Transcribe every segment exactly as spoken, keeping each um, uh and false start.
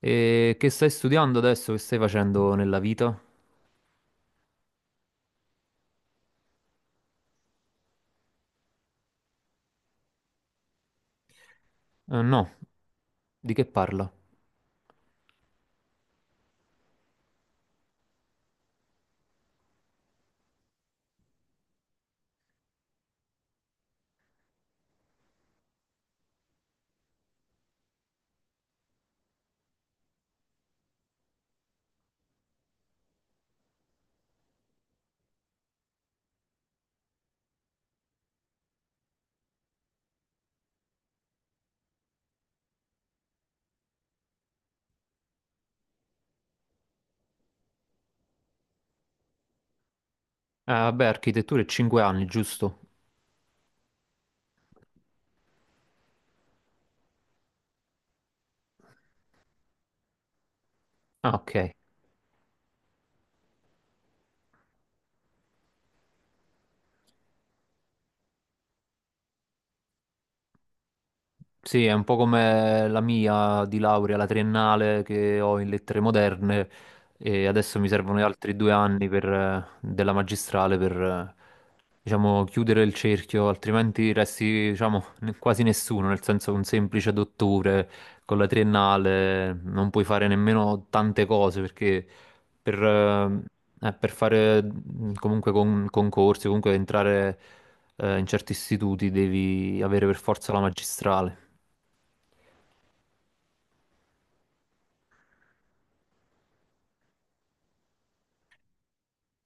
E che stai studiando adesso? Che stai facendo nella vita? Eh, no, di che parla? Ah, vabbè, architettura è cinque anni, giusto? Ah, ok. Sì, è un po' come la mia di laurea, la triennale che ho in lettere moderne e adesso mi servono gli altri due anni per, eh, della magistrale per, eh, diciamo, chiudere il cerchio, altrimenti resti, diciamo, ne- quasi nessuno, nel senso che un semplice dottore con la triennale non puoi fare nemmeno tante cose perché per, eh, eh, per fare mm, comunque con- concorsi, comunque entrare eh, in certi istituti devi avere per forza la magistrale.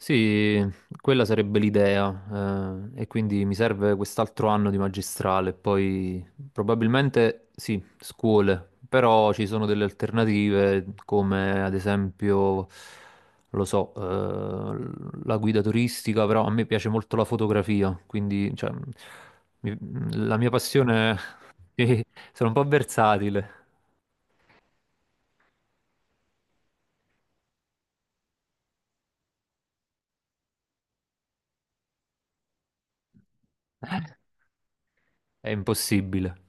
Sì, quella sarebbe l'idea, eh, e quindi mi serve quest'altro anno di magistrale, poi probabilmente sì, scuole, però ci sono delle alternative come ad esempio, lo so, eh, la guida turistica, però a me piace molto la fotografia, quindi cioè, mi- la mia passione, sì, sono un po' versatile, è impossibile.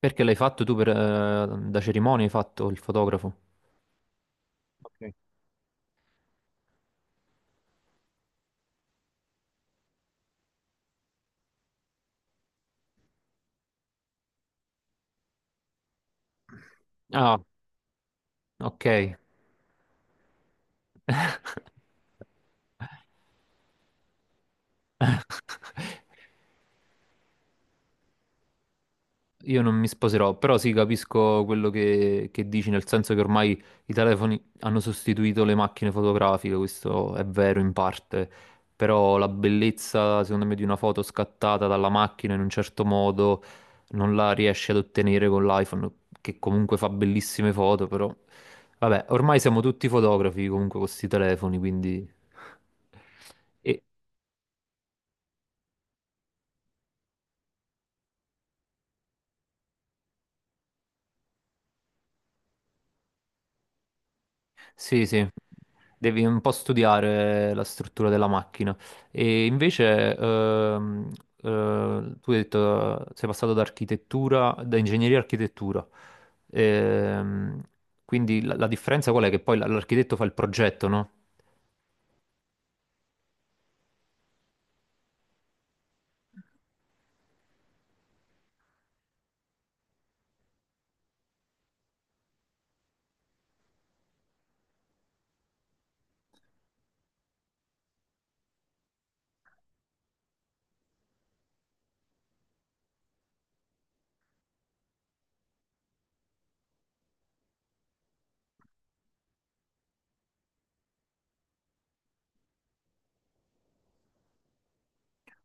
Perché l'hai fatto tu per, eh, da cerimonia, hai fatto il fotografo? Sì. Ah, ok. Io non mi sposerò, però sì, capisco quello che, che dici, nel senso che ormai i telefoni hanno sostituito le macchine fotografiche, questo è vero in parte, però la bellezza, secondo me, di una foto scattata dalla macchina in un certo modo non la riesci ad ottenere con l'iPhone, che comunque fa bellissime foto, però vabbè, ormai siamo tutti fotografi comunque con questi telefoni, quindi... E, sì, sì, devi un po' studiare la struttura della macchina. E invece, ehm, eh, tu hai detto, sei passato da architettura, da ingegneria a architettura. Ehm, quindi la, la differenza qual è? Che poi l- l'architetto fa il progetto, no?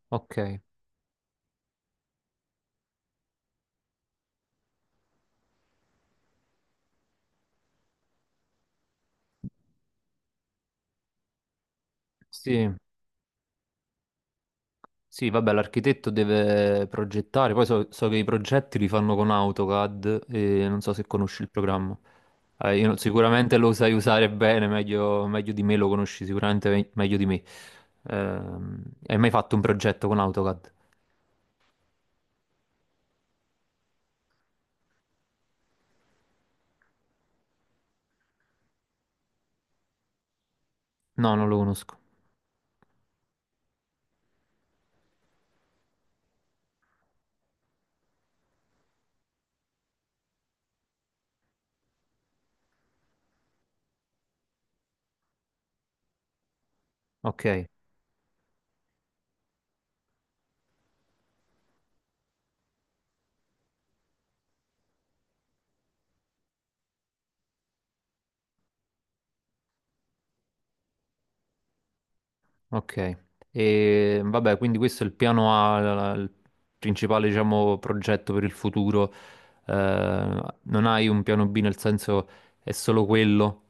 Ok. Sì, sì, vabbè, l'architetto deve progettare, poi so, so che i progetti li fanno con AutoCAD e non so se conosci il programma. Eh, io non- sicuramente lo sai usare bene, meglio, meglio di me lo conosci sicuramente me- meglio di me. Ehm, hai mai fatto un progetto con AutoCAD? No, non lo conosco. Ok, ok. E vabbè, quindi questo è il piano A, la- la- il principale, diciamo, progetto per il futuro. Eh, non hai un piano B nel senso è solo quello?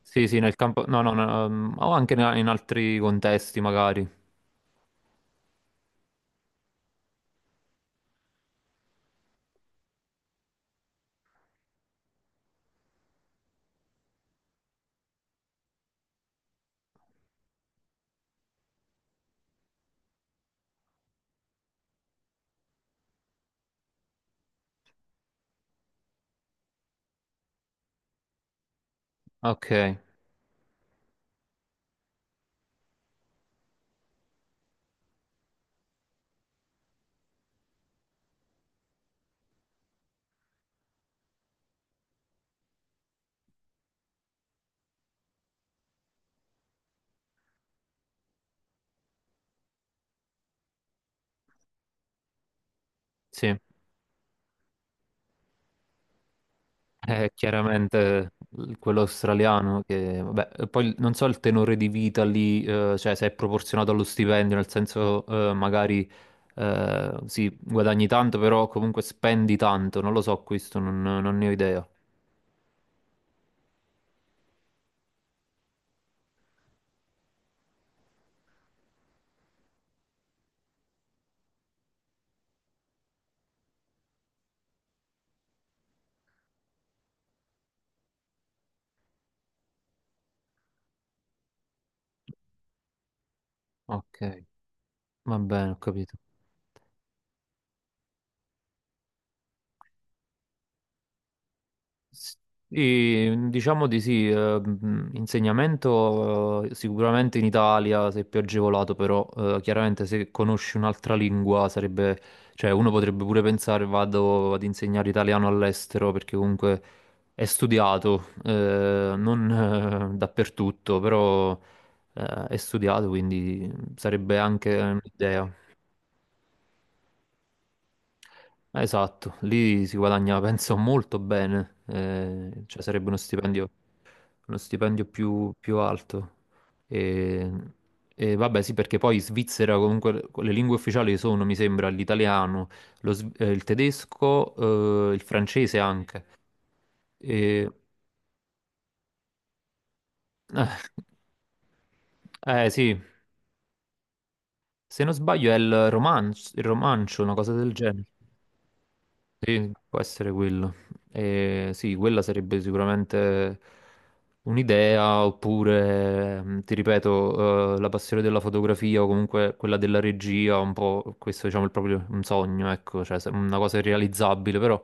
Sì, sì, nel campo... No, no, no, ehm, o anche in in altri contesti magari. Ok, sì. Eh, chiaramente l- quello australiano che... Vabbè, e poi non so il tenore di vita lì, eh, cioè se è proporzionato allo stipendio, nel senso eh, magari eh, sì, guadagni tanto, però comunque spendi tanto, non lo so questo, non, non ne ho idea. Ok, va bene, ho capito. Sì, diciamo di sì, eh, mh, insegnamento eh, sicuramente in Italia sei più agevolato, però eh, chiaramente se conosci un'altra lingua sarebbe, cioè uno potrebbe pure pensare vado ad insegnare italiano all'estero perché comunque è studiato, eh, non eh, dappertutto, però eh, è studiato, quindi sarebbe anche sì, un'idea. Eh, Esatto, lì si guadagna, penso, molto bene, eh, cioè sarebbe uno stipendio, uno stipendio più, più alto. E, e vabbè, sì, perché poi in Svizzera comunque le lingue ufficiali sono, mi sembra, l'italiano, lo sv- eh, il tedesco, eh, il francese anche. E- eh, eh, sì, se non sbaglio è il romanzo, il romancio, una cosa del genere. Sì, può essere quello. Eh, sì, quella sarebbe sicuramente un'idea, oppure, mh, ti ripeto, eh, la passione della fotografia o comunque quella della regia, un po' questo diciamo è proprio un sogno, ecco, cioè se- una cosa irrealizzabile, però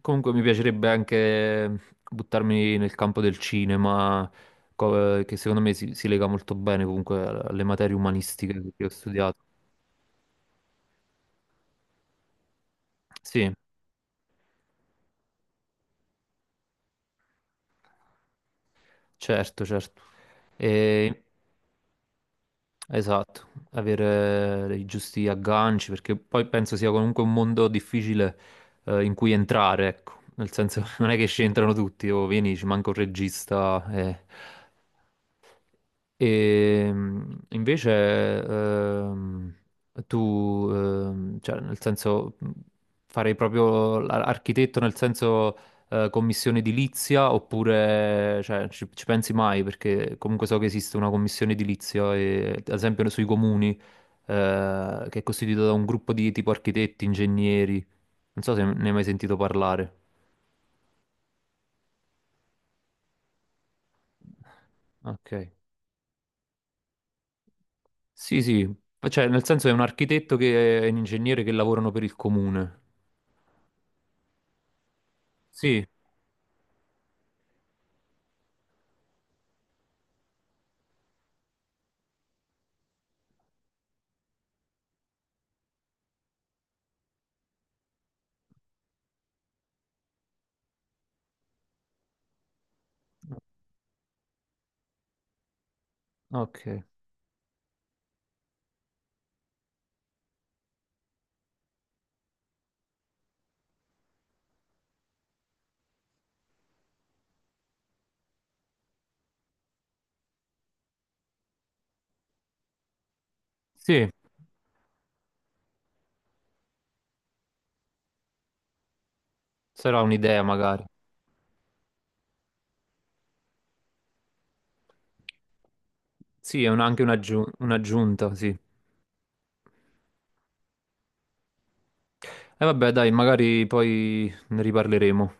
comunque mi piacerebbe anche buttarmi nel campo del cinema, co- che secondo me si, si lega molto bene comunque alle materie umanistiche che ho studiato. Sì, certo, certo. E- esatto, avere eh, i giusti agganci, perché poi penso sia comunque un mondo difficile eh, in cui entrare, ecco. Nel senso, non è che ci entrano tutti, o vieni, ci manca un regista, eh. E mh, invece, ehm, tu, ehm, cioè, nel senso, mh, farei proprio l'architetto nel senso eh, commissione edilizia oppure, cioè, ci, ci pensi mai? Perché comunque so che esiste una commissione edilizia, e, ad esempio sui comuni, eh, che è costituita da un gruppo di tipo architetti, ingegneri. Non so se ne hai mai sentito parlare. Ok. Sì, sì, cioè nel senso è un architetto che è un ingegnere che lavorano per il comune. Sì, ok. Sì, sarà un'idea magari. Sì, è un- anche un'aggiu- un'aggiunta, sì. E vabbè, dai, magari poi ne riparleremo.